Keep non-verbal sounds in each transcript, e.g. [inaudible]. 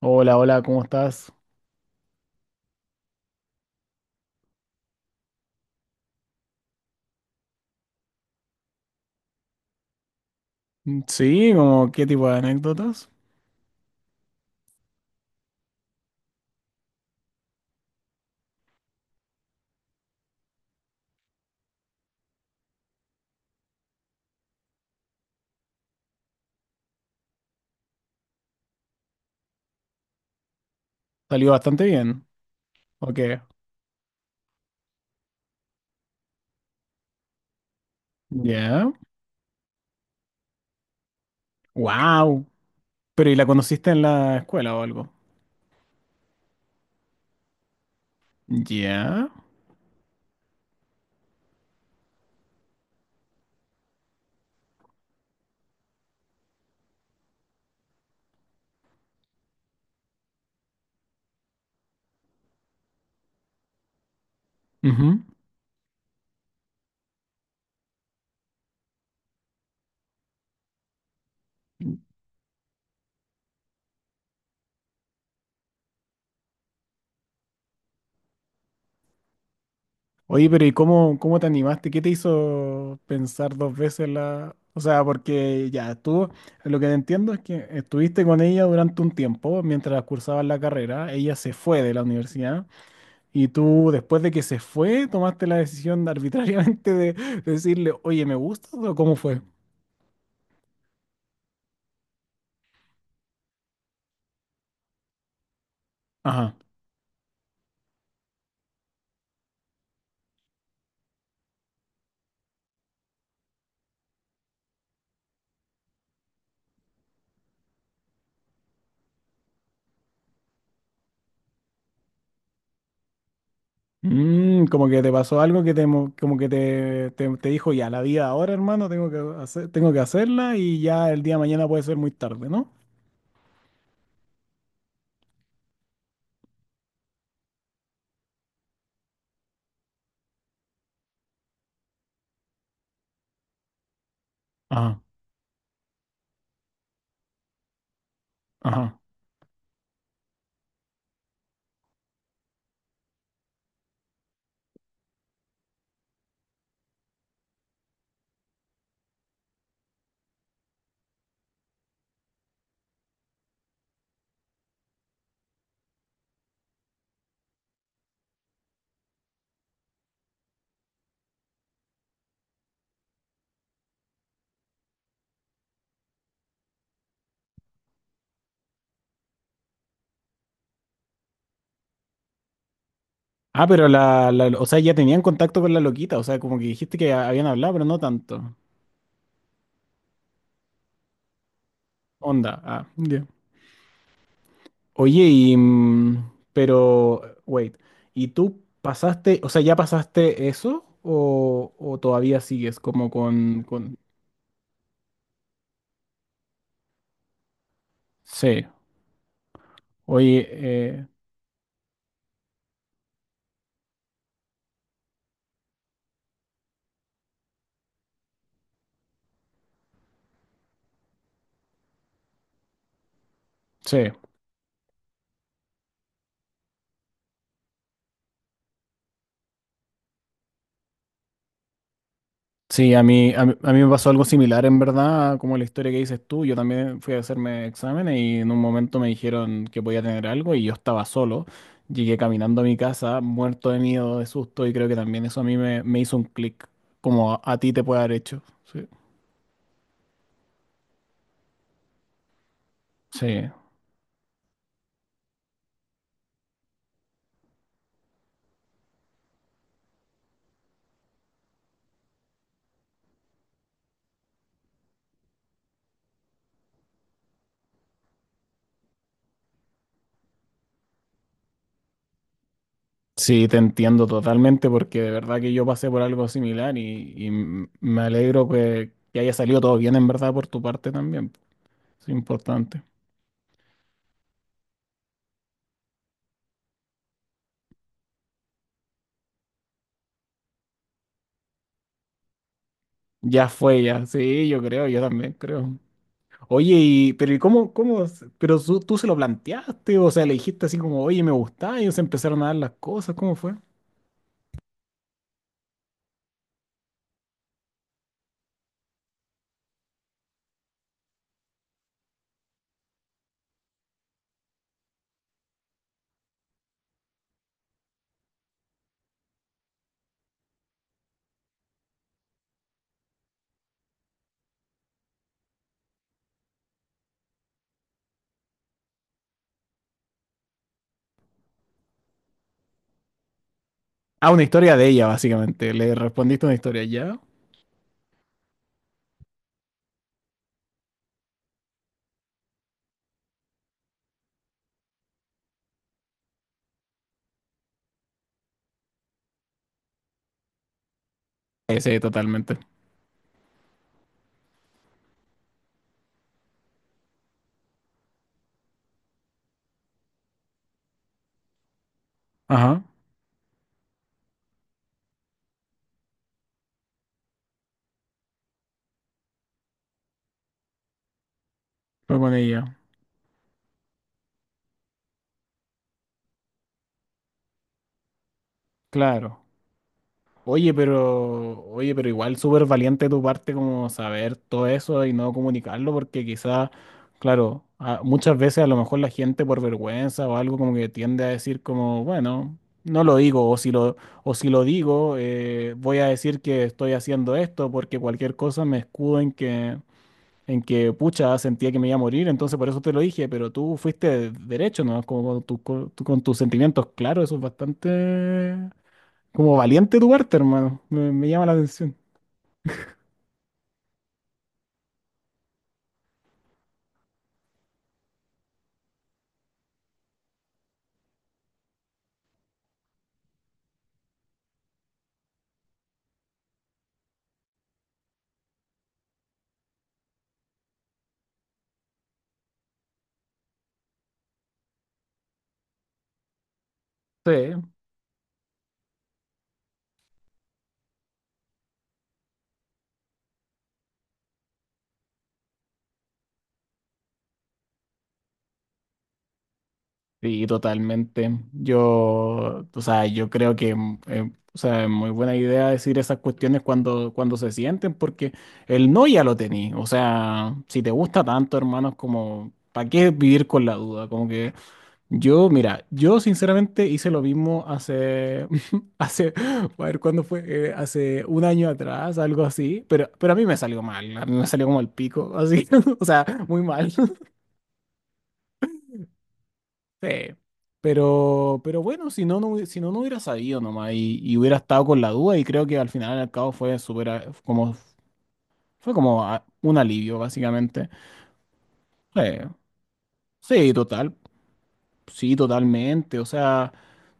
Hola, hola, ¿cómo estás? Sí, ¿como qué tipo de anécdotas? Salió bastante bien. Ok. Ya. Wow. Pero ¿y la conociste en la escuela o algo? Ya. Ujú. Oye, pero ¿y cómo, cómo te animaste? ¿Qué te hizo pensar dos veces la... O sea, porque ya tú, lo que entiendo es que estuviste con ella durante un tiempo mientras cursabas la carrera. Ella se fue de la universidad. Y tú, después de que se fue, tomaste la decisión de arbitrariamente de decirle, oye, ¿me gusta? O ¿cómo fue? Ajá. Como que te pasó algo que te, mo- como que te dijo, ya, la vida ahora, hermano, tengo que hacer, tengo que hacerla y ya el día de mañana puede ser muy tarde, ¿no? Ajá, ajá. Ah, pero o sea, ya tenían contacto con la loquita, o sea, como que dijiste que habían hablado, pero no tanto. Onda, ah, ya. Oye, y, pero, wait, ¿y tú pasaste, o sea, ya pasaste eso o todavía sigues como con... Sí, oye, sí, sí, a mí me pasó algo similar en verdad, como la historia que dices tú. Yo también fui a hacerme exámenes y en un momento me dijeron que podía tener algo, y yo estaba solo, llegué caminando a mi casa, muerto de miedo, de susto, y creo que también eso a mí me, me hizo un clic, como a ti te puede haber hecho, sí, sí. Sí, te entiendo totalmente, porque de verdad que yo pasé por algo similar y m- me alegro que haya salido todo bien en verdad por tu parte también. Es importante. Ya fue, ya. Sí, yo creo, yo también creo. Oye, y, pero ¿y cómo, cómo, se- pero su- tú, se lo planteaste? O sea, ¿le dijiste así como, oye, me gusta, y ellos empezaron a dar las cosas? ¿Cómo fue? Ah, una historia de ella, básicamente. Le respondiste una historia, ¿ya? Sí, sí, totalmente. Ajá, fue con ella. Claro. Oye, pero igual súper valiente de tu parte como saber todo eso y no comunicarlo, porque quizá, claro, a- muchas veces a lo mejor la gente por vergüenza o algo como que tiende a decir como, bueno, no lo digo, o si lo digo, voy a decir que estoy haciendo esto, porque cualquier cosa me escudo en que, pucha, sentía que me iba a morir, entonces por eso te lo dije, pero tú fuiste derecho, ¿no? Como con, tu- con tu- con tus sentimientos, claro, eso es bastante como valiente tu parte, hermano. Me llama la atención. Sí, sí, totalmente. Yo, o sea, yo creo que o sea, es muy buena idea decir esas cuestiones cuando, cuando se sienten, porque el no ya lo tení. O sea, si te gusta tanto, hermano, es como, ¿para qué vivir con la duda? Como que yo, mira, yo sinceramente hice lo mismo hace, [laughs] hace, a ver, ¿cuándo fue? Hace un año atrás, algo así, pero a mí me salió mal, a mí me salió como el pico, así, [laughs] o sea, muy mal. [laughs] Sí. Pero bueno, hubi- si no, no hubiera sabido nomás y hubiera estado con la duda, y creo que al final al cabo fue súper, a- como, fue como a- un alivio, básicamente. Sí, sí, total. Sí, totalmente. O sea,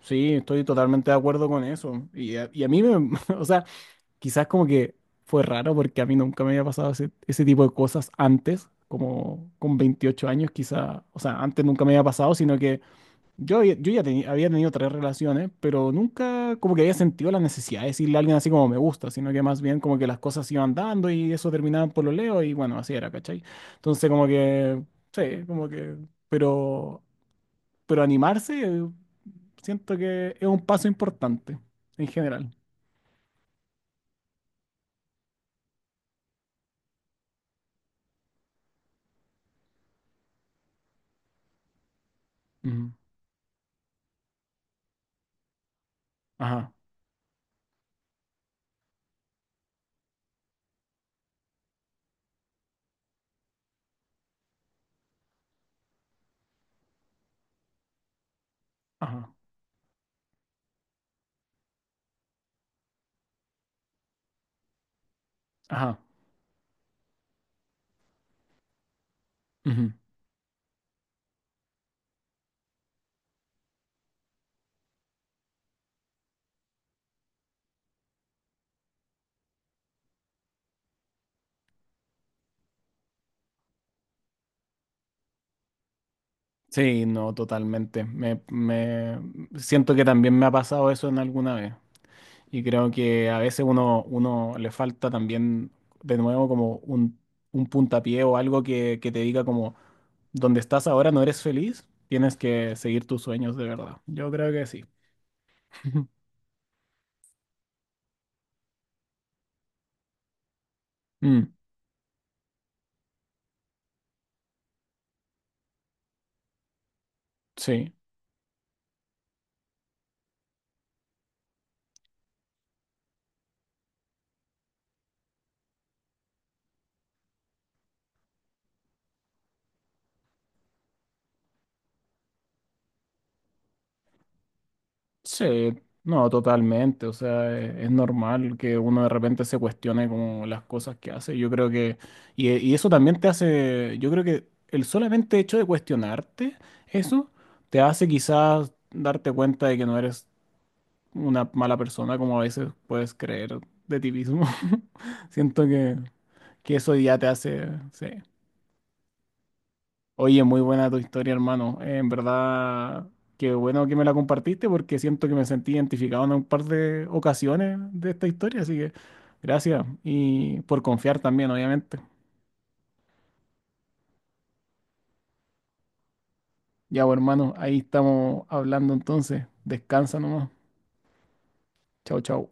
sí, estoy totalmente de acuerdo con eso. Y a mí me, [laughs] o sea, quizás como que fue raro porque a mí nunca me había pasado ese, ese tipo de cosas antes, como con 28 años, quizás, o sea, antes nunca me había pasado, sino que yo, ya- yo ya teni- había tenido tres relaciones, pero nunca como que había sentido la necesidad de decirle a alguien así como me gusta, sino que más bien como que las cosas iban dando y eso terminaba por lo leo y bueno, así era, ¿cachai? Entonces como que, sí, como que, pero pero animarse siento que es un paso importante en general. Ujú. Ajá, ajá, ajá. Ujú. Sí, no, totalmente. Me- siento que también me ha pasado eso en alguna vez. Y creo que a veces uno le falta también, de nuevo, como un puntapié o algo que te diga como, donde estás ahora no eres feliz, tienes que seguir tus sueños de verdad. Yo creo que sí. [laughs] Mm, sí. Sí, no, totalmente. O sea, e- es normal que uno de repente se cuestione como las cosas que hace. Yo creo que, y, e- y eso también te hace, yo creo que el solamente hecho de cuestionarte eso te hace quizás darte cuenta de que no eres una mala persona como a veces puedes creer de ti mismo. [laughs] Siento que eso ya te hace, sí. Oye, muy buena tu historia, hermano. En verdad, qué bueno que me la compartiste porque siento que me sentí identificado en un par de ocasiones de esta historia, así que gracias y por confiar también, obviamente. Ya, bueno, hermano, ahí estamos hablando entonces. Descansa nomás. Chau, chau.